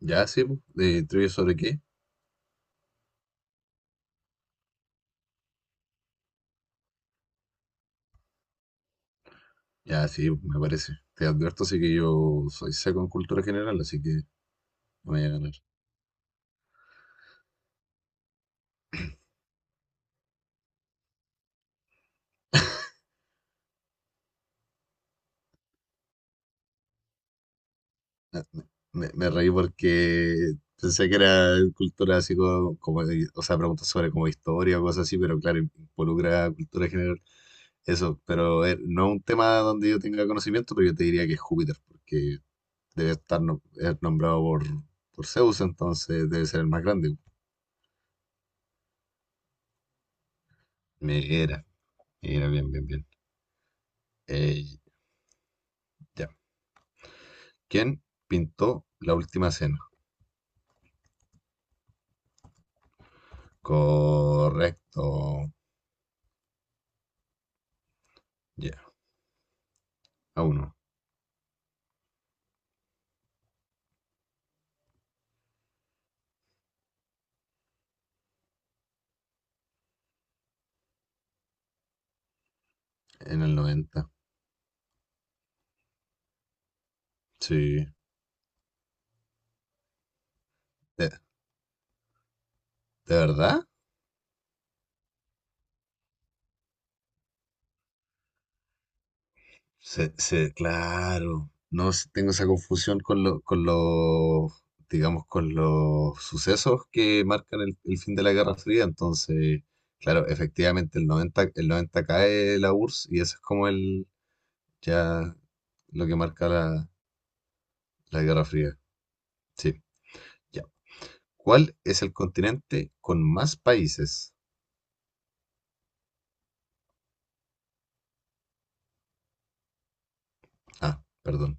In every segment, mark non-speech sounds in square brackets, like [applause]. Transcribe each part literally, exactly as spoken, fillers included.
Ya, sí, po. ¿De trivia sobre qué? Ya, sí, po, me parece. Te advierto, sí que yo soy seco en cultura general, así que no me voy a ganar. Ah, Me, me reí porque pensé que era cultura así como, como de- o sea, preguntas sobre como historia o cosas así, pero claro, involucra cultura general. Eso, pero eh, no un tema donde yo tenga conocimiento, pero yo te diría que es Júpiter, porque debe estar nom- es nombrado por, por Zeus, entonces debe ser el más grande. Me era, era bien, bien, bien. Eh, ya. ¿Quién pintó La Última Cena? Correcto. Ya, a uno. En el noventa. Sí. ¿De, de verdad? Se, se- claro. No s- Tengo esa confusión con lo- con los, digamos, con los sucesos que marcan el, el fin de la Guerra Fría. Entonces, claro, efectivamente el noventa, el noventa cae la U R S S y eso es como el, ya, lo que marca la, la Guerra Fría. Sí. ¿Cuál es el continente con más países? Ah, perdón.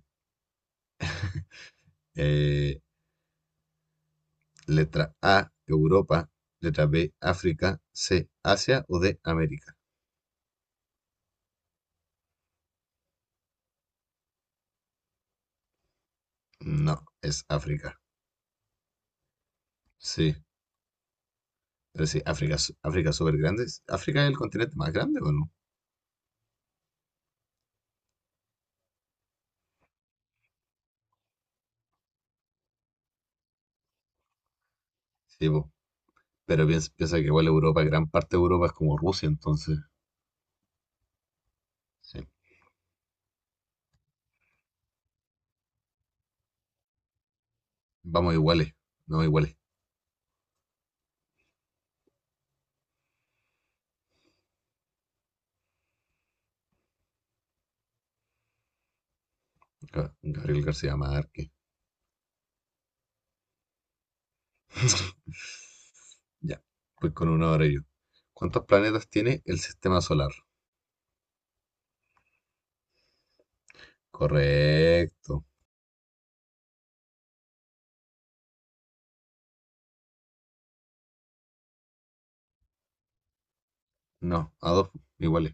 Eh, letra A, Europa. Letra B, África. C, Asia o D, América. No, es África. Sí, pero sí, África, es- África es súper grande. ¿África es el continente más grande o no? Sí, po. Pero piensa, piensa que igual Europa, gran parte de Europa es como Rusia, entonces. Sí. Vamos iguales, no iguales. Ga- Gabriel García Márquez. Ya, pues con una hora yo. ¿Cuántos planetas tiene el sistema solar? Correcto. No, a dos iguales.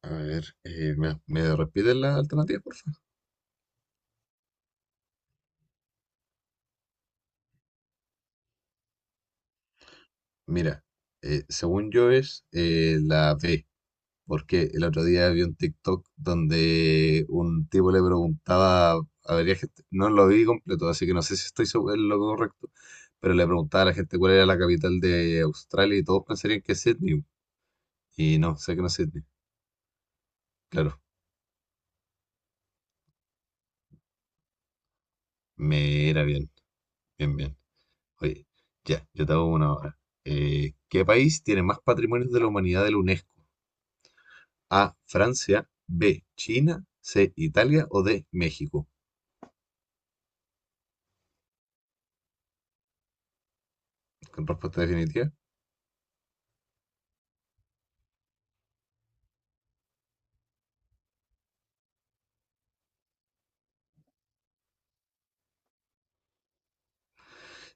A ver, eh, me- ¿Me repites la alternativa, por favor? Mira, eh, según yo es eh, la B, porque el otro día vi un TikTok donde un tipo le preguntaba, a ver, gente, no lo vi completo, así que no sé si estoy seguro en lo correcto, pero le preguntaba a la gente cuál era la capital de Australia y todos pensarían que es Sydney, y no, sé que no es Sydney. Claro, me era bien, bien, bien. Oye, ya, yo te hago una ahora. Eh, ¿qué país tiene más patrimonios de la humanidad de la UNESCO? A, Francia, B, China, C, Italia o D, México. Con respuesta definitiva.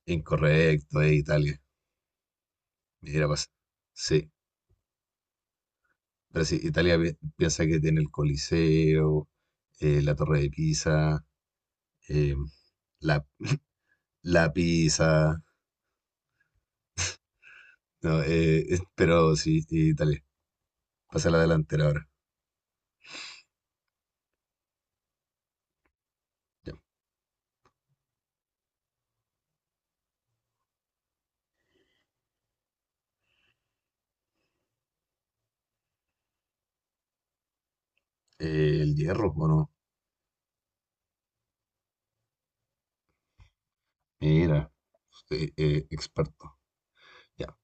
Incorrecto, es Italia. Mira, pasa. Sí, pero sí, Italia pi- piensa que tiene el Coliseo, eh, la Torre de Pisa, eh, la, la Pisa. No, eh, es- pero sí, Italia. Pasa a la delantera ahora. Ya. Eh, el hierro, ¿o no? Mira. Sí, eh, experto. Ya.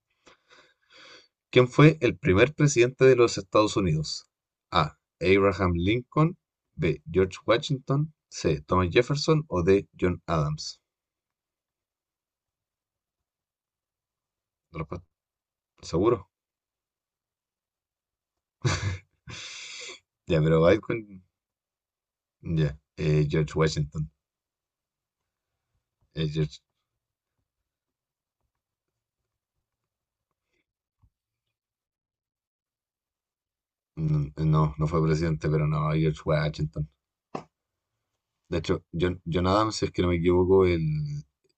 ¿Quién fue el primer presidente de los Estados Unidos? A. Abraham Lincoln. B. George Washington. C. Thomas Jefferson. O D. John Adams. Respuesta, ¿seguro? Ya, pero va con... Ya. eh, George Washington. Eh, George- mm, No, no fue presidente, pero no, George Washington. De hecho, John, John Adams, si es que no me equivoco, el,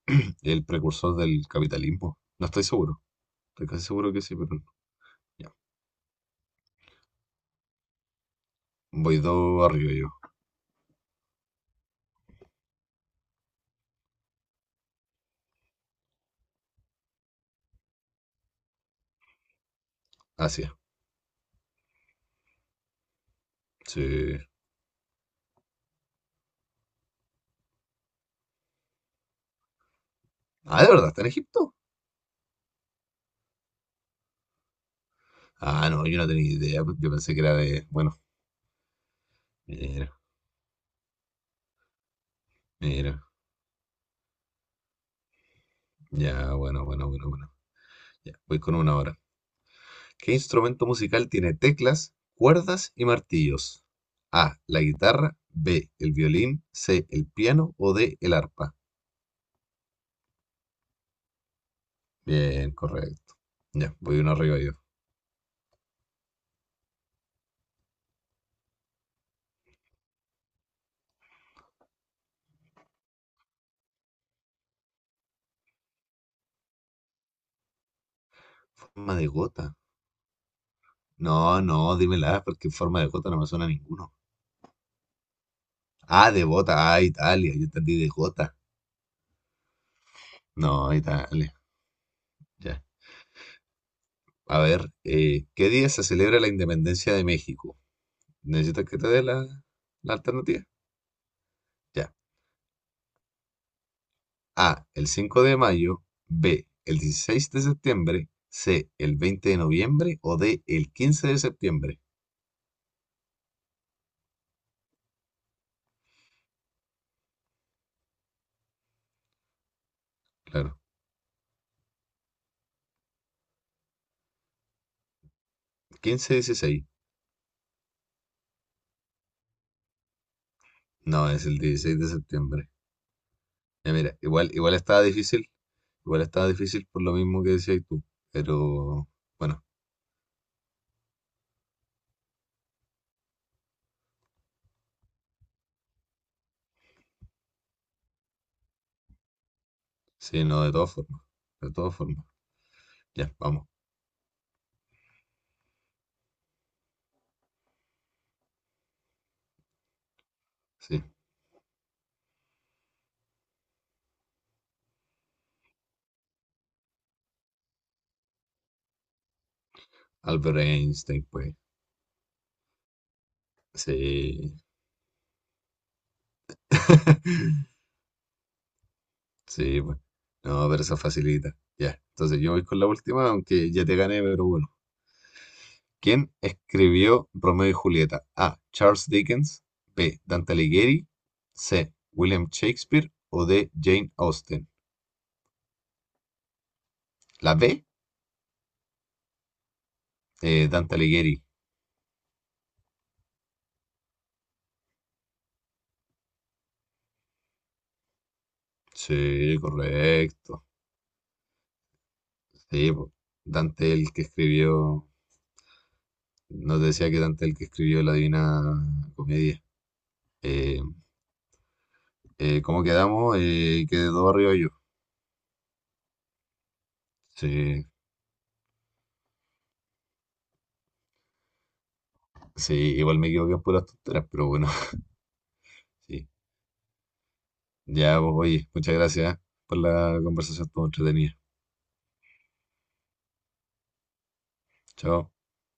[clears throat] el precursor del capitalismo. No estoy seguro. Estoy casi seguro que sí, pero no. Ya. Voy dos arriba yo. Así. Sí. Ah, ¿de verdad está en Egipto? Ah, no, yo no tenía idea. Yo pensé que era de. Bueno, mira, mira. Ya, bueno, bueno, bueno, bueno. Ya, voy con una hora. ¿Qué instrumento musical tiene teclas, cuerdas y martillos? A, la guitarra, B, el violín, C, el piano o D, el arpa. Bien, correcto. Ya, voy uno arriba yo. Forma de gota. No, no, dímela, porque forma de gota no me suena a ninguno. Ah, de bota. Ah, Italia. Yo entendí de gota. No, Italia. Ya. A ver, eh, ¿qué día se celebra la independencia de México? ¿Necesitas que te dé la, la alternativa? Ya. A, el cinco de mayo, B, el dieciséis de septiembre, C, el veinte de noviembre o D, el quince de septiembre. Claro, quince dieciséis. No, es el dieciséis de septiembre. Ya mira, igual, igual estaba difícil, igual estaba difícil por lo mismo que decías tú, pero bueno, sí, no, de todas formas, de todas formas. Ya, vamos, sí. Albert Einstein, pues, sí. [laughs] Sí, pues. No, pero esa facilita. Ya. Entonces yo voy con la última, aunque ya te gané, pero bueno. ¿Quién escribió Romeo y Julieta? A. Charles Dickens. B. Dante Alighieri. C. William Shakespeare. O D. Jane Austen. La B. eh, Dante Alighieri. Sí, correcto. Sí, pues. Dante el que escribió. Nos decía que Dante el que escribió la Divina Comedia. Eh, eh, ¿cómo quedamos? Eh, quedó arriba yo. Sí, Sí, igual me equivoqué en puras tonteras, pero bueno, [laughs] sí. Ya, pues, oye, muchas gracias por la conversación, estuvo entretenida. Chao.